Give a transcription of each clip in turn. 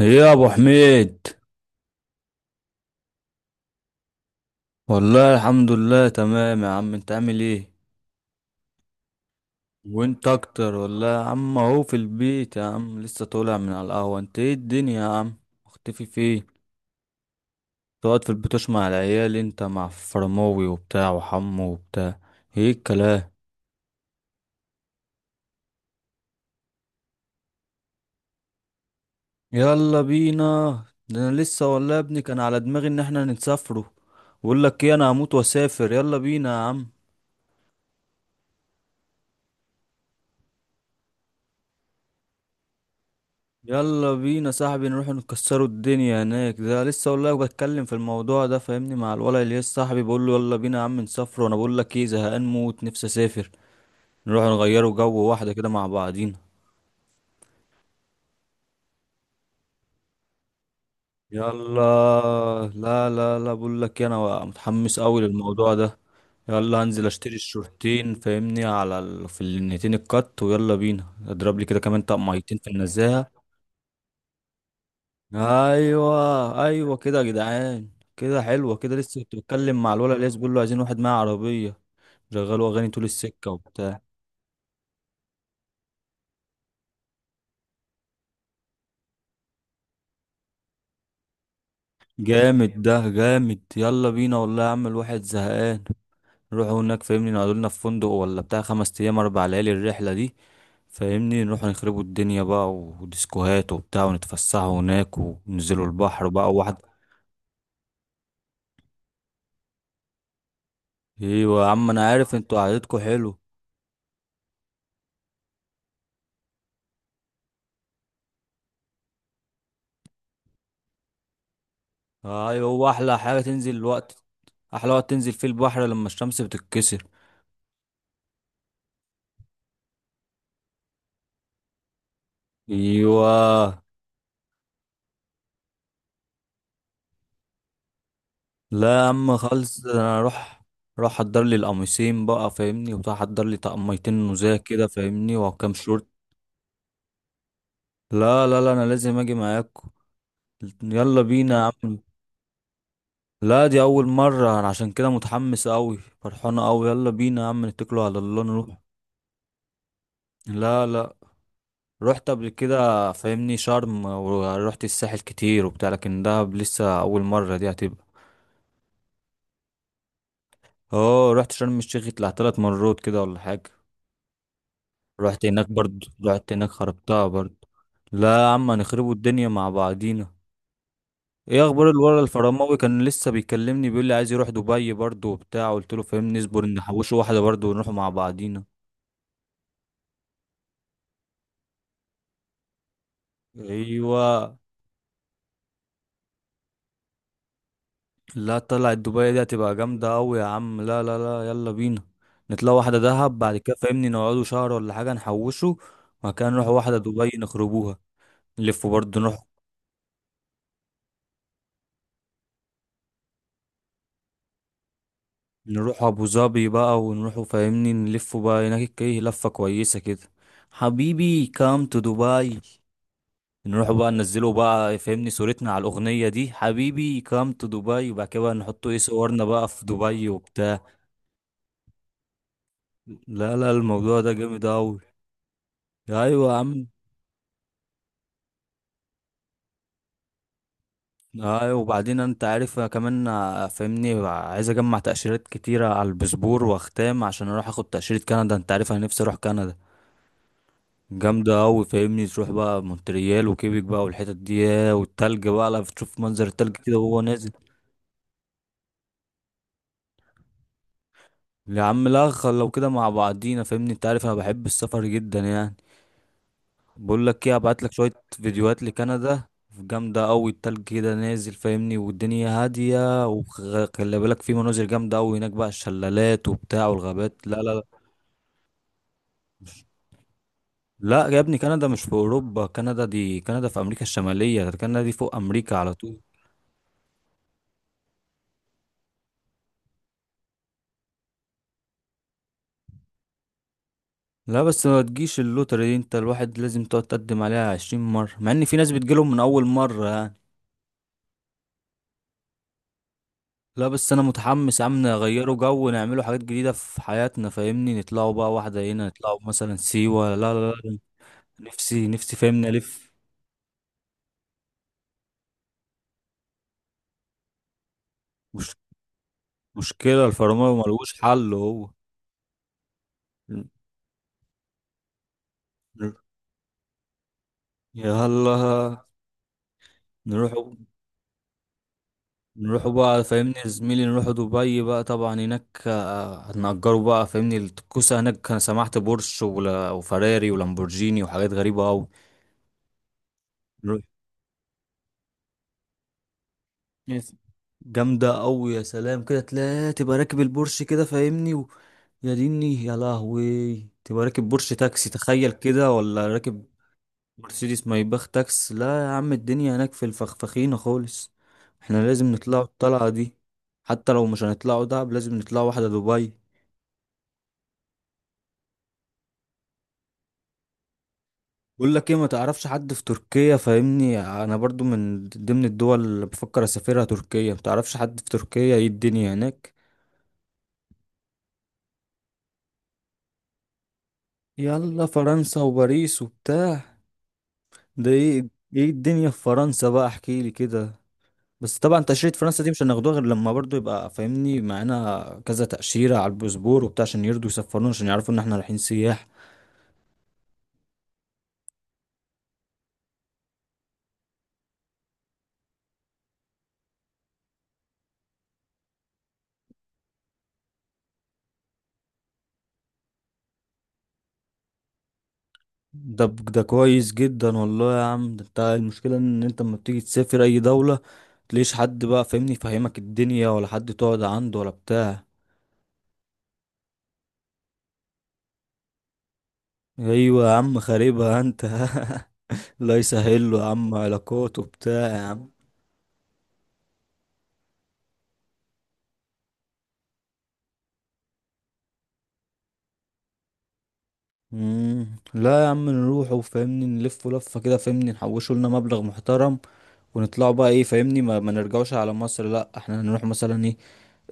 ايه يا ابو حميد. والله الحمد لله تمام يا عم، انت عامل ايه؟ وانت اكتر والله يا عم، اهو في البيت يا عم، لسه طالع من على القهوة. انت ايه الدنيا يا عم، مختفي فين؟ تقعد في البيت مع العيال، انت مع فرماوي وبتاع وحمو وبتاع. ايه الكلام؟ يلا بينا. ده انا لسه والله يا ابني كان على دماغي ان احنا نسافروا. بقول لك ايه، انا هموت واسافر، يلا بينا يا عم. يلا بينا صاحبي نروح نكسروا الدنيا هناك. ده لسه والله بتكلم في الموضوع ده فاهمني مع الولد اللي لسه صاحبي، بقول له يلا بينا يا عم نسافر. وانا بقول لك ايه، زهقان موت، نفسي اسافر. نروح نغيروا جو واحده كده مع بعضينا. يلا. لا لا لا، بقول لك إيه، انا متحمس قوي للموضوع ده. يلا هنزل اشتري الشورتين فاهمني في النتين الكات، ويلا بينا اضرب لي كده كمان طقميتين في النزاهه. ايوه ايوه كده يا جدعان، كده حلوه. كده لسه كنت بتكلم مع الولد اللي بيقول له عايزين واحد معاه عربيه، شغلوا اغاني طول السكه وبتاع. جامد، ده جامد، يلا بينا والله يا عم، الواحد زهقان. نروحوا هناك فاهمني، نقعدوا لنا في فندق ولا بتاع 5 ايام 4 ليالي الرحله دي. فاهمني نروح نخربوا الدنيا بقى وديسكوهات وبتاع، ونتفسحوا هناك وننزلوا البحر بقى واحد. ايوه يا عم، انا عارف انتوا قعدتكوا حلو. ايوه، هو احلى حاجه تنزل الوقت. احلى وقت تنزل فيه البحر لما الشمس بتتكسر. ايوه. لا يا عم خالص، انا اروح. اروح احضر لي القميصين بقى فاهمني وبتاع، احضر لي طقميتين نزاهه كده فاهمني وكام شورت. لا لا لا، انا لازم اجي معاكم. يلا بينا يا عم. لا، دي اول مره، انا عشان كده متحمس قوي، فرحانه قوي، يلا بينا يا عم نتكلوا على الله نروح. لا لا، رحت قبل كده فاهمني شرم، ورحت الساحل كتير وبتاع، لكن دهب لسه اول مرة دي هتبقى. اه رحت شرم الشيخ، طلع 3 مرات كده ولا حاجة. رحت هناك برضو، رحت هناك خربتها برضو. لا يا عم، هنخربوا الدنيا مع بعضينا. ايه اخبار الورا؟ الفرماوي كان لسه بيكلمني، بيقول لي عايز يروح دبي برضو وبتاع، قلت له فاهمني اصبر نحوشه واحدة برضو ونروح مع بعضينا. ايوه. لا طلعت دبي دي هتبقى جامدة أوي يا عم، لا لا لا يلا بينا. نطلع واحدة دهب بعد كده فاهمني، نقعدوا شهر ولا حاجة نحوشه، وبعد كده نروح واحدة دبي نخربوها. نلفوا برضه نروح. نروح أبو ظبي بقى، ونروحوا فاهمني نلفوا بقى هناك ايه لفة كويسة كده. حبيبي كام تو دبي. نروح بقى ننزلوا بقى فاهمني صورتنا على الأغنية دي حبيبي كام تو دبي، وبعد كده بقى نحطوا ايه صورنا بقى في دبي وبتاع. لا لا، الموضوع ده جامد أوي. ايوه يا عم. اه وبعدين انت عارف أنا كمان آه، فاهمني عايز اجمع تأشيرات كتيرة على الباسبور واختام، عشان اروح اخد تأشيرة كندا. انت عارف انا نفسي اروح كندا، جامدة اوي فاهمني، تروح بقى مونتريال وكيبك بقى والحتت دي، ياه، والتلج بقى، لا بتشوف منظر التلج كده وهو نازل. يا عم لا، لو كده مع بعضينا فاهمني، انت عارف انا بحب السفر جدا يعني. بقول لك ايه، ابعت لك شويه فيديوهات لكندا، جامده قوي التلج كده نازل فاهمني، والدنيا هاديه، وخلي بالك في مناظر جامده قوي هناك بقى، الشلالات وبتاع والغابات. لا لا لا، لا يا ابني كندا مش في اوروبا، كندا دي كندا في امريكا الشماليه، ده كندا دي فوق امريكا على طول. لا بس ما تجيش اللوتري دي، انت الواحد لازم تقعد تقدم عليها 20 مرة، مع ان في ناس بتجيلهم من اول مرة يعني. لا بس انا متحمس يا عم نغيروا جو، نعملوا حاجات جديدة في حياتنا فاهمني، نطلعوا بقى واحدة هنا نطلعوا مثلا سيوة. لا لا لا، نفسي نفسي فاهمني الف. مش، مشكله الفرامل ملوش حل هو. ن- ن- يلا نروح. نروح بقى فاهمني يا زميلي، نروح دبي بقى طبعا هناك آه، هنأجره بقى فاهمني الكوسة هناك. انا سمعت بورش وفراري ولامبورجيني وحاجات غريبة أوي. نروح. يس. جامدة أوي، يا سلام كده تلاقي تبقى راكب البورش كده فاهمني و... يا ديني يا لهوي، تبقى راكب بورش تاكسي، تخيل كده، ولا راكب مرسيدس ما يبخ تاكس. لا يا عم، الدنيا هناك في الفخفخينة خالص. احنا لازم نطلعوا الطلعة دي، حتى لو مش هنطلعوا دهب لازم نطلعوا واحدة دبي. بقول لك ايه، ما تعرفش حد في تركيا فاهمني، انا برضو من ضمن الدول اللي بفكر اسافرها تركيا، ما تعرفش حد في تركيا ايه الدنيا هناك؟ يلا فرنسا وباريس وبتاع. ده ايه؟ ايه الدنيا في فرنسا بقى، احكيلي كده. بس طبعا تأشيرة فرنسا دي مش هناخدوها غير لما برضو يبقى فاهمني معانا كذا تأشيرة على الباسبور وبتاع، عشان يرضوا يسفرونا، عشان يعرفوا ان احنا رايحين سياح. ده ده كويس جدا والله يا عم. ده انت المشكلة ان انت لما بتيجي تسافر اي دولة، تلاقيش حد بقى فاهمني يفهمك الدنيا، ولا حد تقعد عنده ولا بتاع. ايوه يا عم، خاربها انت. الله يسهل له يا عم، علاقات وبتاع يا عم. مم. لا يا عم، نروح وفهمني نلف لفة كده فهمني، نحوشوا لنا مبلغ محترم ونطلعوا بقى ايه فاهمني، ما نرجعوش على مصر، لا احنا هنروح مثلا ايه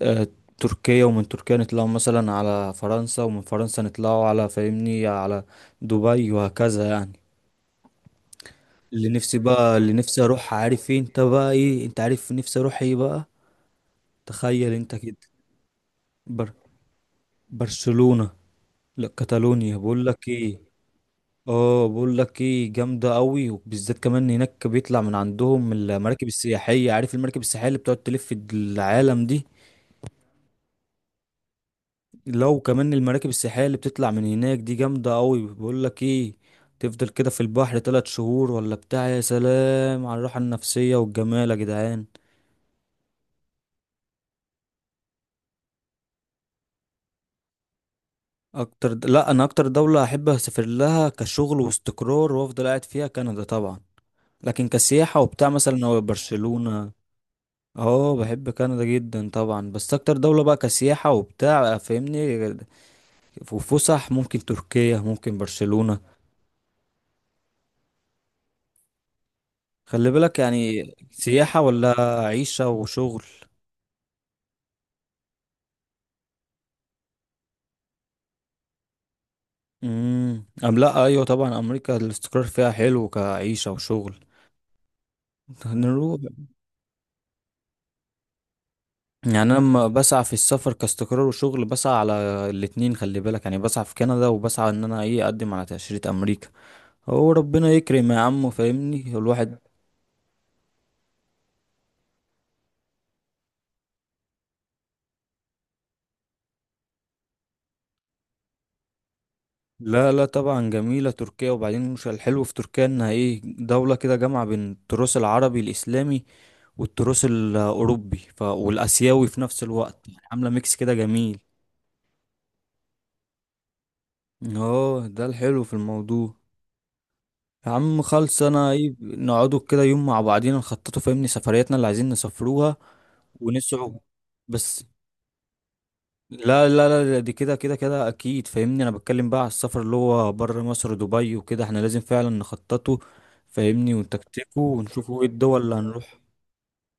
آه تركيا، ومن تركيا نطلعوا مثلا على فرنسا، ومن فرنسا نطلعوا على فاهمني على دبي، وهكذا يعني. اللي نفسي بقى، اللي نفسي اروح، عارف ايه انت بقى، ايه انت عارف نفسي اروح ايه بقى، تخيل انت كده. بر برشلونة. لا كاتالونيا، بقول لك ايه. اه بقول لك ايه جامده قوي، وبالذات كمان هناك بيطلع من عندهم المراكب السياحيه، عارف المراكب السياحيه اللي بتقعد تلف العالم دي، لو كمان المراكب السياحية اللي بتطلع من هناك دي جامدة قوي. بقول لك ايه، تفضل كده في البحر 3 شهور ولا بتاع، يا سلام على الراحة النفسية والجمال يا جدعان. لا انا اكتر دولة احب اسافر لها كشغل واستقرار وافضل قاعد فيها كندا طبعا. لكن كسياحة وبتاع مثلا هو برشلونة. اه بحب كندا جدا طبعا، بس اكتر دولة بقى كسياحة وبتاع فاهمني وفسح، ممكن تركيا، ممكن برشلونة. خلي بالك يعني سياحة ولا عيشة وشغل؟ أم لا، أيوة طبعا أمريكا الاستقرار فيها حلو كعيشة وشغل. نروح. يعني أنا لما بسعى في السفر كاستقرار وشغل بسعى على الاتنين، خلي بالك يعني بسعى في كندا، وبسعى إن أنا إيه أقدم على تأشيرة أمريكا. هو ربنا يكرم يا عم فاهمني الواحد. لا لا طبعا جميلة تركيا، وبعدين مش الحلو في تركيا إنها إيه دولة كده جامعة بين التراث العربي الإسلامي والتراث الأوروبي والآسيوي في نفس الوقت، عاملة ميكس كده جميل. اه ده الحلو في الموضوع. يا عم خلص، انا ايه نقعدوا كده يوم مع بعضينا نخططوا فاهمني سفرياتنا اللي عايزين نسافروها ونسعوا بس. لا لا لا لا، دي كده كده كده اكيد فاهمني، انا بتكلم بقى على السفر اللي هو بره مصر، دبي وكده احنا لازم فعلا نخططه فاهمني ونتكتكه، ونشوفوا ايه الدول اللي هنروح.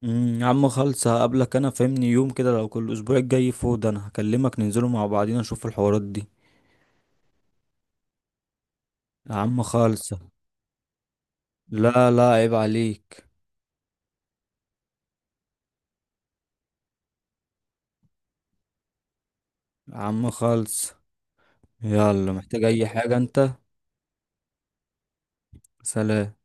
يا عم خلص، هقابلك انا فاهمني يوم كده، لو كل اسبوع الجاي فاضي انا هكلمك، ننزلوا مع بعضينا نشوف الحوارات دي. يا عم خالص. لا لا، عيب عليك. يا عم خالص، يلا محتاج اي حاجة انت؟ سلام.